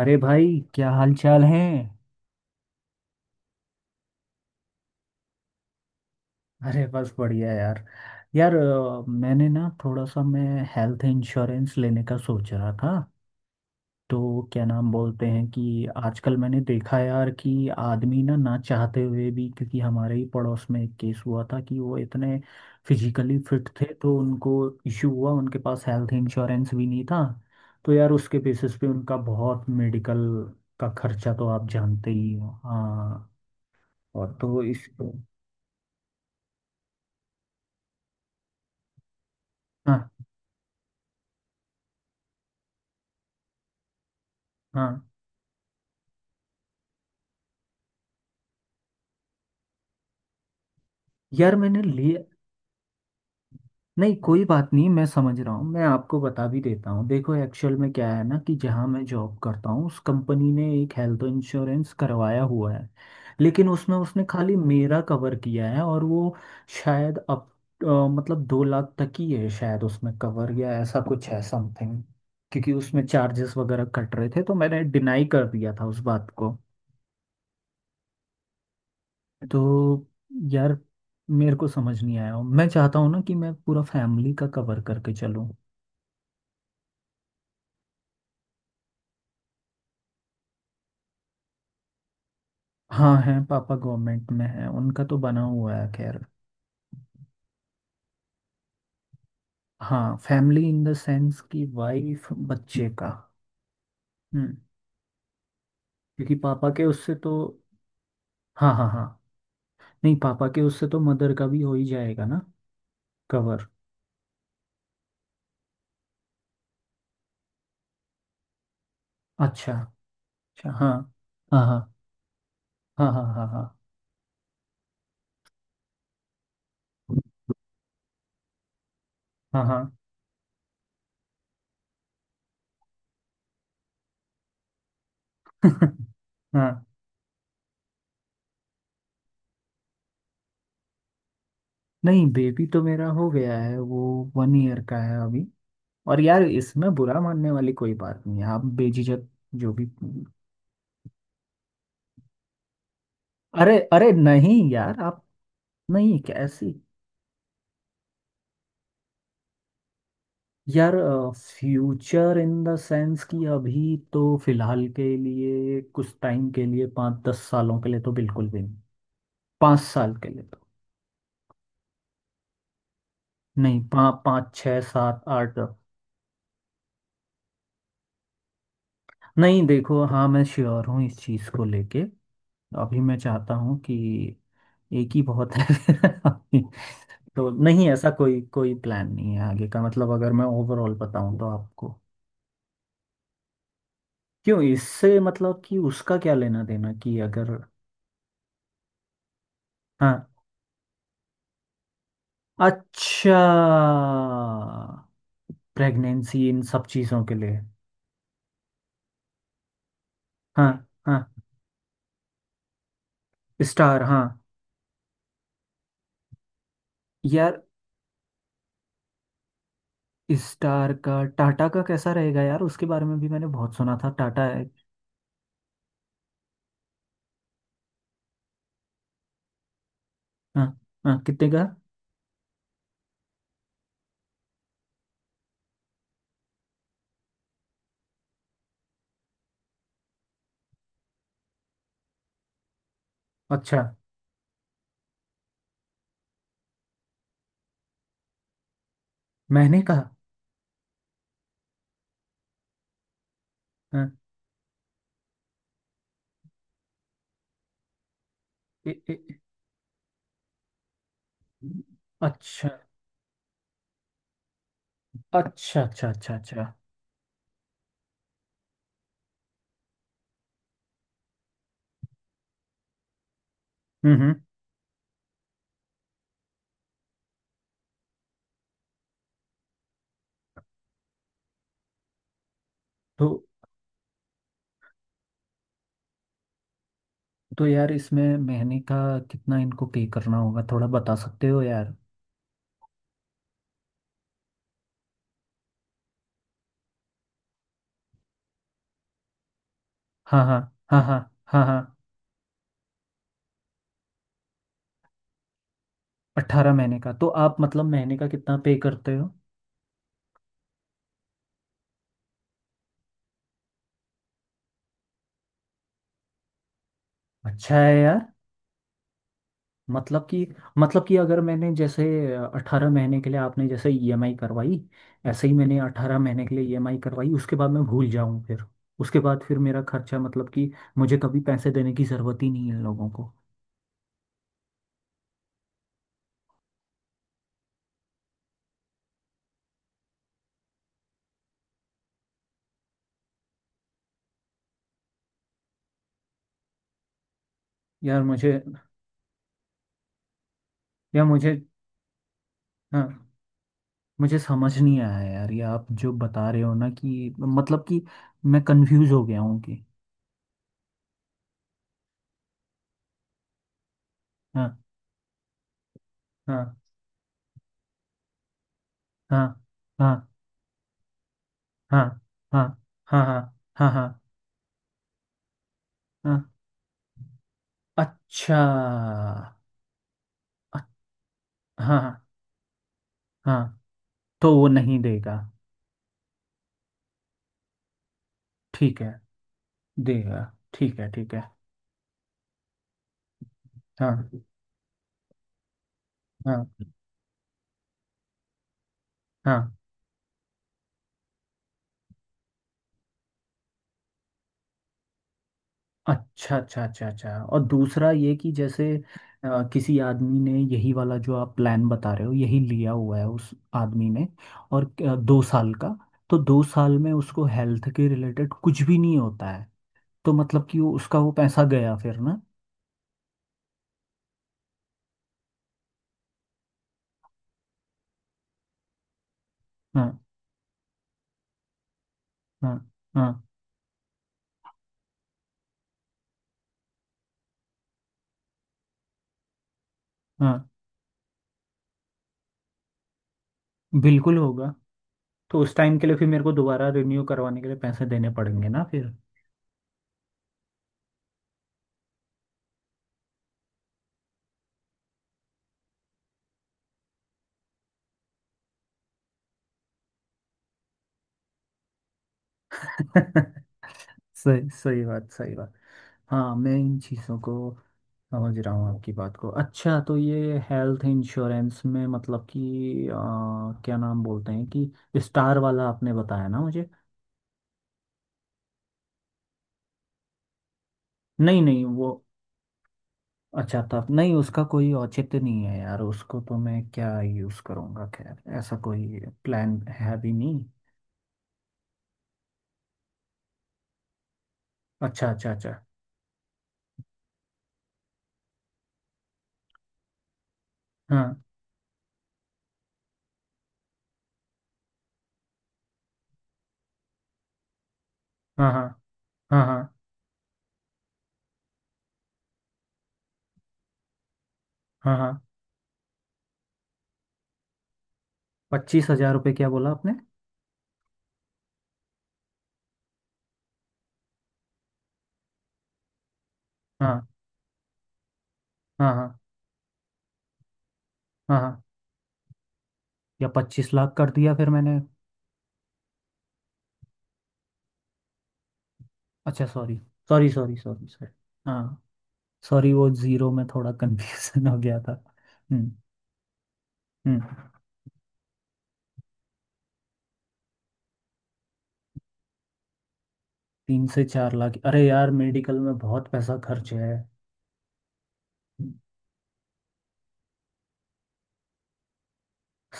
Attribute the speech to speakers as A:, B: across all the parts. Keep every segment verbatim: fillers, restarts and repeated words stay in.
A: अरे भाई, क्या हाल चाल है। अरे बस बढ़िया यार। यार अ, मैंने ना थोड़ा सा मैं हेल्थ इंश्योरेंस लेने का सोच रहा था। तो क्या नाम बोलते हैं कि आजकल मैंने देखा यार कि आदमी ना ना चाहते हुए भी, क्योंकि हमारे ही पड़ोस में एक केस हुआ था कि वो इतने फिजिकली फिट थे तो उनको इश्यू हुआ। उनके पास हेल्थ इंश्योरेंस भी नहीं था, तो यार उसके बेसिस पे उनका बहुत मेडिकल का खर्चा, तो आप जानते ही हो। हाँ। और तो इस। हाँ हाँ। यार मैंने लिया। नहीं, कोई बात नहीं, मैं समझ रहा हूँ, मैं आपको बता भी देता हूँ। देखो एक्चुअल में क्या है ना कि जहाँ मैं जॉब करता हूँ उस कंपनी ने एक हेल्थ इंश्योरेंस करवाया हुआ है। लेकिन उसमें उसने खाली मेरा कवर किया है और वो शायद अब अ, मतलब दो लाख तक ही है शायद उसमें कवर, या ऐसा कुछ है समथिंग। क्योंकि उसमें चार्जेस वगैरह कट रहे थे तो मैंने डिनाई कर दिया था उस बात को। तो यार मेरे को समझ नहीं आया, मैं चाहता हूँ ना कि मैं पूरा फैमिली का कवर करके चलूँ। हाँ, हैं, पापा गवर्नमेंट में है, उनका तो बना हुआ है खैर। हाँ, फैमिली इन द सेंस कि वाइफ बच्चे का। हम्म। क्योंकि पापा के उससे तो। हाँ हाँ हाँ। नहीं, पापा के उससे तो मदर का भी हो ही जाएगा ना, कवर। अच्छा। अच्छा हाँ। हाँ हाँ। हाँ हाँ हाँ। हाँ हाँ हाँ। हाँ। नहीं, बेबी तो मेरा हो गया है, वो वन ईयर का है अभी। और यार इसमें बुरा मानने वाली कोई बात नहीं है, आप बेझिझक जो भी। अरे अरे, नहीं यार आप, नहीं कैसी। यार, फ्यूचर इन द सेंस कि अभी तो फिलहाल के लिए, कुछ टाइम के लिए, पाँच दस सालों के लिए तो बिल्कुल भी नहीं। पाँच साल के लिए तो नहीं, पा, पाँच छः सात आठ। नहीं देखो, हाँ, मैं श्योर हूँ इस चीज़ को लेके। अभी मैं चाहता हूँ कि एक ही बहुत है। तो नहीं, ऐसा कोई कोई प्लान नहीं है आगे का, मतलब अगर मैं ओवरऑल बताऊं तो आपको। क्यों, इससे मतलब कि उसका क्या लेना देना, कि अगर। हाँ। अच्छा। प्रेगनेंसी इन सब चीज़ों के लिए। हाँ हाँ। स्टार, हाँ। यार स्टार का, टाटा का कैसा रहेगा यार, उसके बारे में भी मैंने बहुत सुना था, टाटा है। हाँ हाँ, कितने का। अच्छा। मैंने कहा। हाँ। ए, ए, अच्छा अच्छा अच्छा अच्छा। अच्छा। हम्म हम्म। तो। तो यार इसमें महीने का कितना इनको पे करना होगा, थोड़ा बता सकते हो यार। हाँ हाँ हाँ हाँ हाँ हाँ। अट्ठारह महीने का, तो आप मतलब महीने का कितना पे करते हो। अच्छा है यार। मतलब कि मतलब कि अगर मैंने जैसे अट्ठारह महीने के लिए आपने जैसे ईएमआई करवाई, ऐसे ही मैंने अट्ठारह महीने के लिए ईएमआई करवाई, उसके बाद मैं भूल जाऊँ फिर। उसके बाद फिर मेरा खर्चा, मतलब कि मुझे कभी पैसे देने की ज़रूरत ही नहीं है लोगों को। यार मुझे, या मुझे। हाँ। मुझे समझ नहीं आया यार, ये आप जो बता रहे हो ना, कि मतलब कि, मैं कंफ्यूज हो गया हूँ कि। हाँ हाँ हाँ हाँ हाँ हाँ हाँ हाँ हाँ हाँ हाँ। अच्छा। अ- हाँ हाँ। तो वो नहीं देगा। ठीक है। देगा। ठीक है ठीक है। हाँ हाँ हाँ। अच्छा अच्छा अच्छा अच्छा, और दूसरा ये कि जैसे अ, किसी आदमी ने यही वाला जो आप प्लान बता रहे हो यही लिया हुआ है उस आदमी ने, और अ, दो साल का। तो दो साल में उसको हेल्थ के रिलेटेड कुछ भी नहीं होता है, तो मतलब कि वो उसका वो पैसा गया फिर ना। हाँ हाँ हाँ हाँ। बिल्कुल होगा, तो उस टाइम के लिए फिर मेरे को दोबारा रिन्यू करवाने के लिए पैसे देने पड़ेंगे ना फिर। सही, सही बात, सही बात। हाँ, मैं इन चीज़ों को समझ रहा हूँ, आपकी बात को। अच्छा, तो ये हेल्थ इंश्योरेंस में मतलब कि अ, क्या नाम बोलते हैं, कि स्टार वाला आपने बताया ना मुझे। नहीं नहीं, वो अच्छा था, नहीं उसका कोई औचित्य नहीं है यार, उसको तो मैं क्या यूज़ करूँगा, खैर ऐसा कोई प्लान है भी नहीं। अच्छा अच्छा अच्छा। हाँ हाँ हाँ हाँ हाँ हाँ हाँ। पच्चीस हजार रुपये क्या बोला आपने। हाँ हाँ हाँ हाँ हाँ। या पच्चीस लाख कर दिया फिर मैंने। अच्छा sorry, sorry sorry sorry sorry. हाँ। सॉरी, वो जीरो में थोड़ा कंफ्यूजन हो गया था। हम्म हम्म। तीन से चार लाख, अरे यार मेडिकल में बहुत पैसा खर्च है।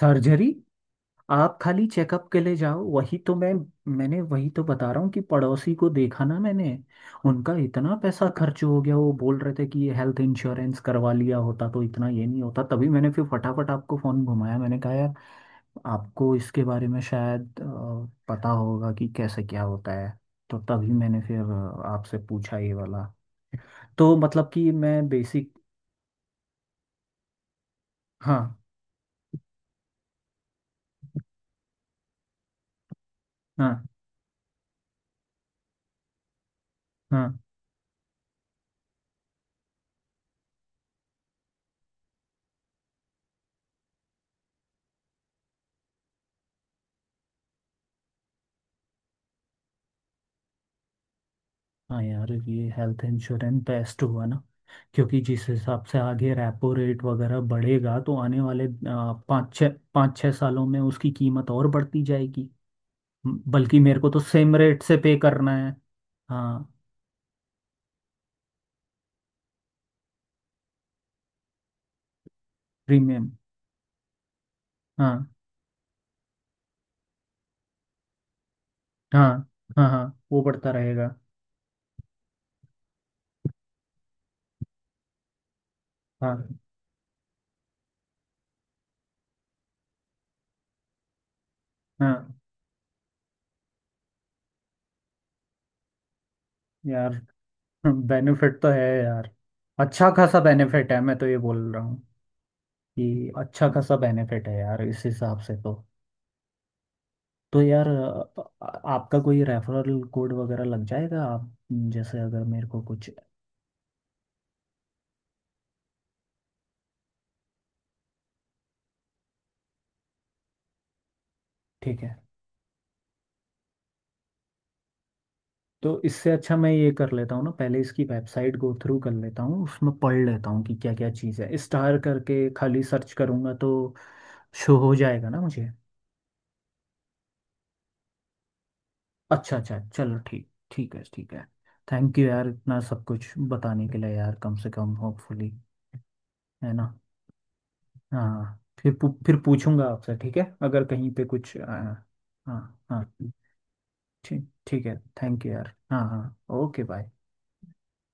A: सर्जरी। आप खाली चेकअप के लिए जाओ, वही तो मैं, मैंने वही तो बता रहा हूँ कि पड़ोसी को देखा ना मैंने, उनका इतना पैसा खर्च हो गया, वो बोल रहे थे कि ये हेल्थ इंश्योरेंस करवा लिया होता तो इतना ये नहीं होता, तभी मैंने फिर फटाफट आपको फोन घुमाया, मैंने कहा यार आपको इसके बारे में शायद अ, पता होगा कि कैसे क्या होता है, तो तभी मैंने फिर अ, आपसे पूछा ये वाला। तो मतलब कि मैं बेसिक। हाँ हाँ हाँ। हाँ यार, ये हेल्थ इंश्योरेंस बेस्ट हुआ ना, क्योंकि जिस हिसाब से आगे रेपो रेट वगैरह बढ़ेगा तो आने वाले अ, पाँच छः पाँच छः सालों में उसकी कीमत और बढ़ती जाएगी। म- बल्कि मेरे को तो सेम रेट से पे करना है। हाँ। प्रीमियम। हाँ हाँ हाँ हाँ, वो बढ़ता रहेगा। हाँ हाँ। यार बेनिफिट तो है यार, अच्छा खासा बेनिफिट है, मैं तो ये बोल रहा हूँ कि अच्छा खासा बेनिफिट है यार, इस हिसाब से तो। तो यार अ, अ, आपका कोई रेफरल कोड वगैरह लग जाएगा, आप जैसे अगर मेरे को कुछ। ठीक है, तो इससे अच्छा मैं ये कर लेता हूँ ना, पहले इसकी वेबसाइट गो थ्रू कर लेता हूँ, उसमें पढ़ लेता हूँ कि क्या क्या चीज़ है, स्टार करके खाली सर्च करूँगा तो शो हो जाएगा ना मुझे। अच्छा अच्छा, चलो ठीक, ठीक है ठीक है। थैंक यू यार, इतना सब कुछ बताने के लिए यार, कम से कम होपफुली, है ना। हाँ, फिर पू, फिर पूछूंगा आपसे, ठीक है, अगर कहीं पे कुछ आ, हाँ हाँ। ठीक, ठीक है। थैंक यू यार, हाँ हाँ, ओके बाय।